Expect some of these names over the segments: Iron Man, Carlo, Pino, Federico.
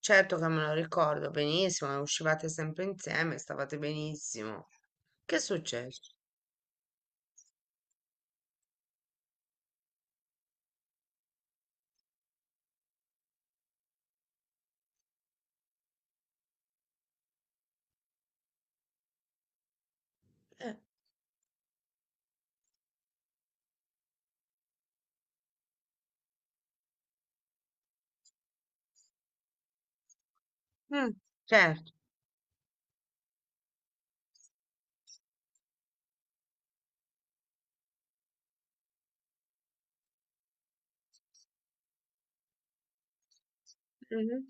Certo che me lo ricordo benissimo, e uscivate sempre insieme, stavate benissimo. Che è successo? Eh. Mh, certo. Mh-mh.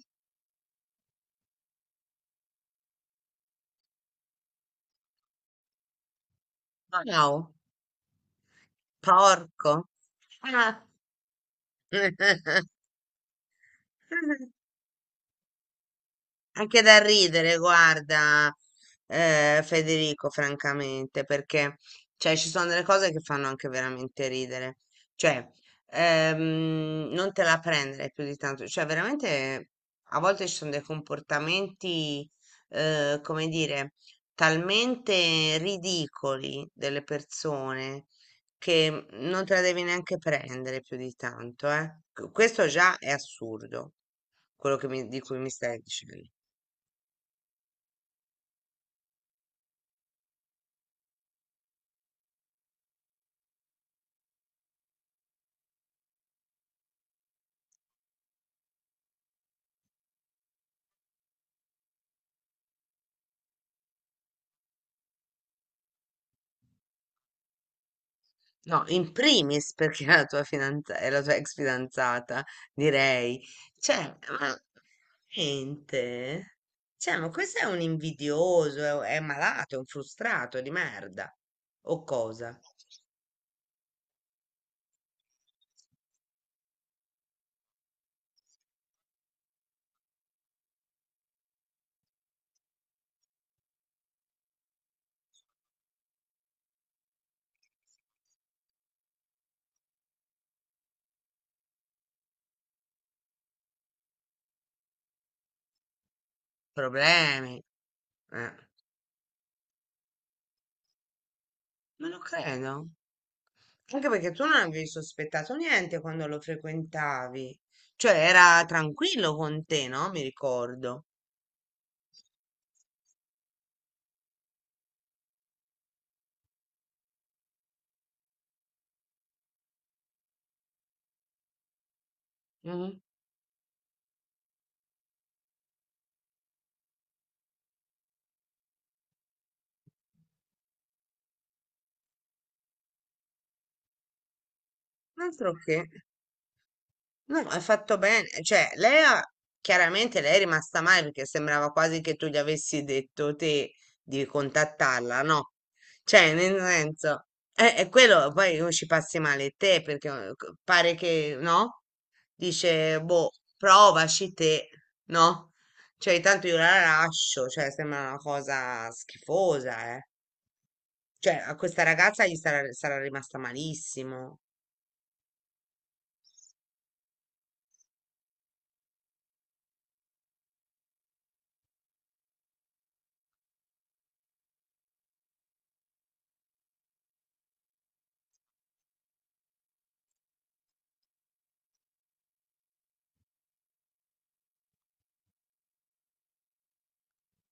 Wow, porco. Ah. Anche da ridere, guarda, Federico, francamente, perché cioè, ci sono delle cose che fanno anche veramente ridere. Cioè, non te la prendere più di tanto. Cioè, veramente a volte ci sono dei comportamenti, come dire, talmente ridicoli delle persone che non te la devi neanche prendere più di tanto, eh. Questo già è assurdo, quello di cui mi stai dicendo. No, in primis perché è la tua fidanzata, è la tua ex fidanzata, direi. Cioè, ma niente. Cioè, ma questo è un invidioso, è malato, è un frustrato di merda. O cosa? Problemi. Eh, non lo credo. Anche perché tu non avevi sospettato niente quando lo frequentavi. Cioè, era tranquillo con te, no? Mi ricordo. Mm. Altro che. No, hai fatto bene. Chiaramente lei è rimasta male perché sembrava quasi che tu gli avessi detto te di contattarla, no? Cioè, nel senso, è quello, poi o ci passi male te perché pare che, no? Dice, boh, provaci te, no? Cioè, tanto io la lascio, cioè, sembra una cosa schifosa, eh. Cioè, a questa ragazza gli sarà, sarà rimasta malissimo.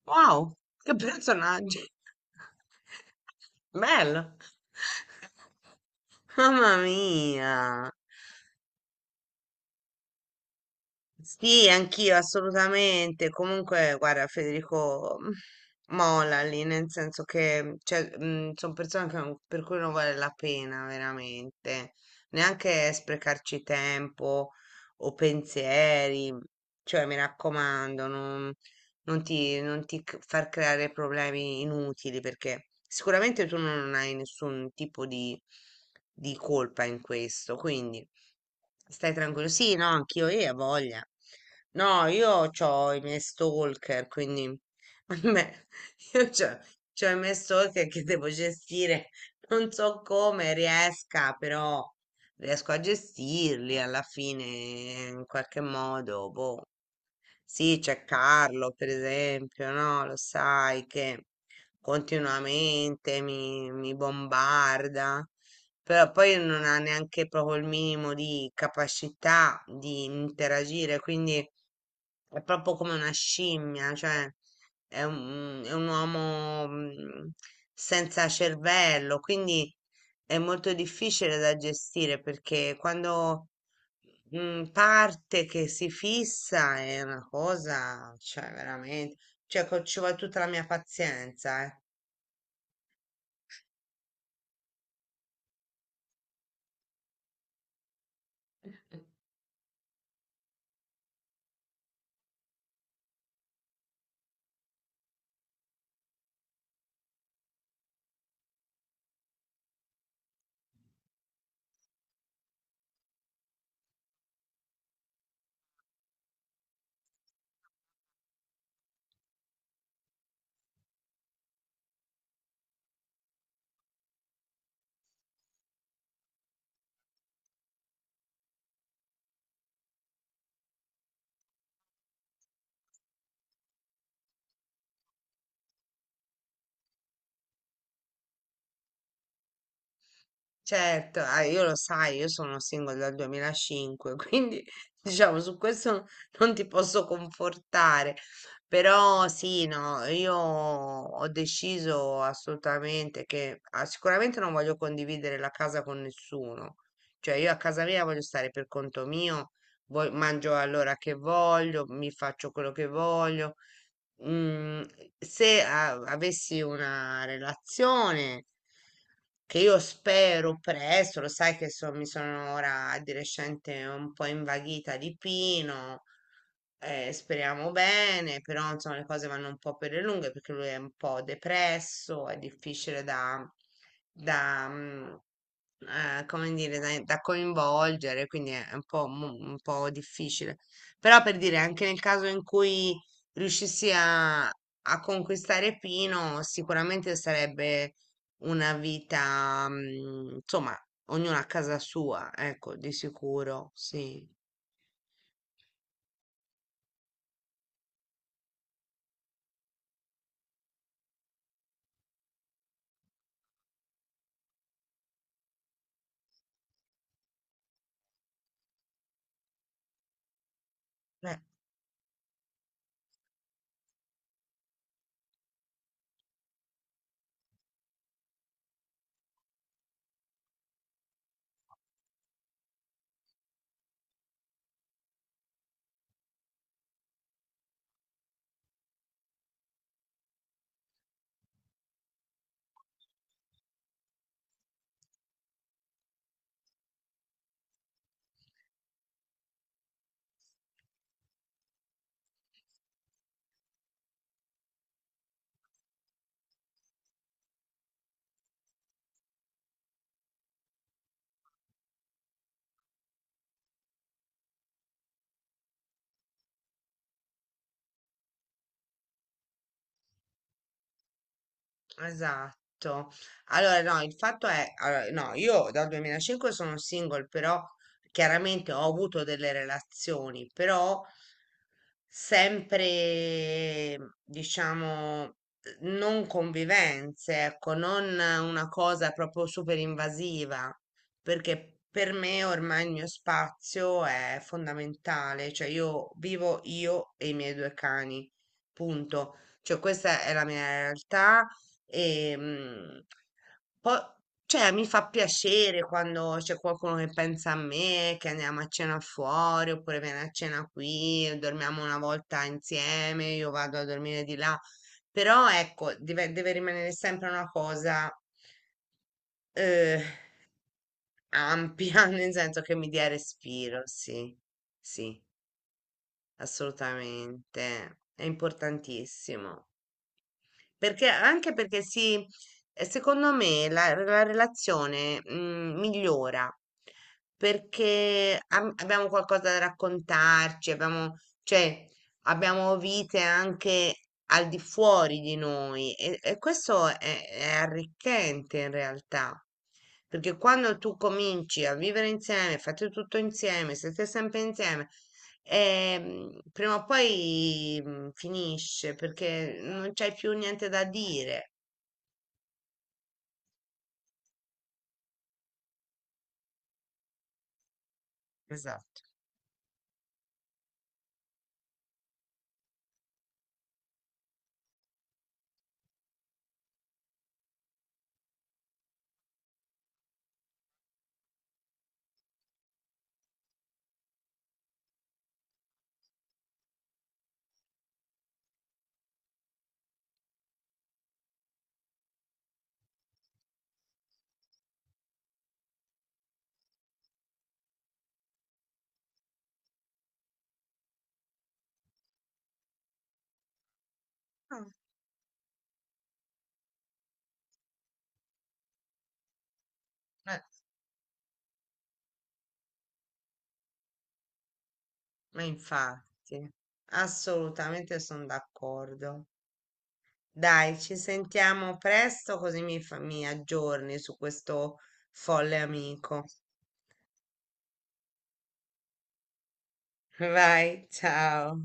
Wow, che personaggi! Bello! Mamma mia! Sì, anch'io assolutamente. Comunque, guarda, Federico mm, molla lì, nel senso che sono persone che non- per cui non vale la pena veramente neanche sprecarci tempo o pensieri. Cioè, mi raccomando, non, far creare problemi inutili perché sicuramente tu non hai nessun tipo di colpa in questo. Quindi. Stai tranquillo? Sì, no, anch'io, io ho voglia. No, io ho i miei stalker, quindi a me, io ho i miei stalker che devo gestire. Non so come riesca, però riesco a gestirli alla fine in qualche modo. Boh. Sì, c'è Carlo, per esempio, no? Lo sai che continuamente mi bombarda, però poi non ha neanche proprio il minimo di capacità di interagire, quindi è proprio come una scimmia, cioè è un uomo mm, senza cervello, quindi è molto difficile da gestire perché quando mm, parte che si fissa è una cosa, cioè veramente, ci vuole tutta la mia pazienza, eh. Certo, ah, io lo sai, io sono single dal 2005, quindi diciamo su questo non ti posso confortare, però sì, no, io ho deciso assolutamente che ah, sicuramente non voglio condividere la casa con nessuno, cioè io a casa mia voglio stare per conto mio, mangio all'ora che voglio, mi faccio quello che voglio, mm, se avessi una relazione, che io spero presto, lo sai che mi sono ora di recente un po' invaghita di Pino, speriamo bene, però insomma le cose vanno un po' per le lunghe perché lui è un po' depresso, da, mm, come dire, da coinvolgere, quindi è un po', un po' difficile. Però per dire, anche nel caso in cui a conquistare Pino, sicuramente sarebbe una vita, mm, insomma, ognuno a casa sua, ecco, di sicuro, sì. Eh, esatto. Allora, no, il fatto è, allora, no, io dal 2005 sono single, però chiaramente ho avuto delle relazioni, però sempre, diciamo, non convivenze, ecco, non una cosa proprio super invasiva, perché per me ormai il mio spazio è fondamentale, cioè io vivo io e i miei due cani, punto. Cioè, questa è la mia realtà e, mm, poi, cioè, mi fa piacere quando c'è qualcuno che pensa a me, che andiamo a cena fuori, oppure viene a cena qui, dormiamo una volta insieme, io vado a dormire di là. Però, ecco, deve rimanere sempre una cosa, eh, ampia, nel senso che mi dia respiro, sì, sì, assolutamente. È importantissimo. Perché anche perché si, secondo me la relazione mm, migliora perché abbiamo qualcosa da raccontarci, abbiamo, cioè, abbiamo vite anche al di fuori di noi e questo è arricchente in realtà. Perché quando tu cominci a vivere insieme, fate tutto insieme, siete sempre insieme, ehm, prima o poi mm, finisce perché non c'hai più niente da dire. Esatto. Ah, eh, ma infatti, assolutamente sono d'accordo. Dai, ci sentiamo presto così mi aggiorni su questo folle amico. Vai, ciao.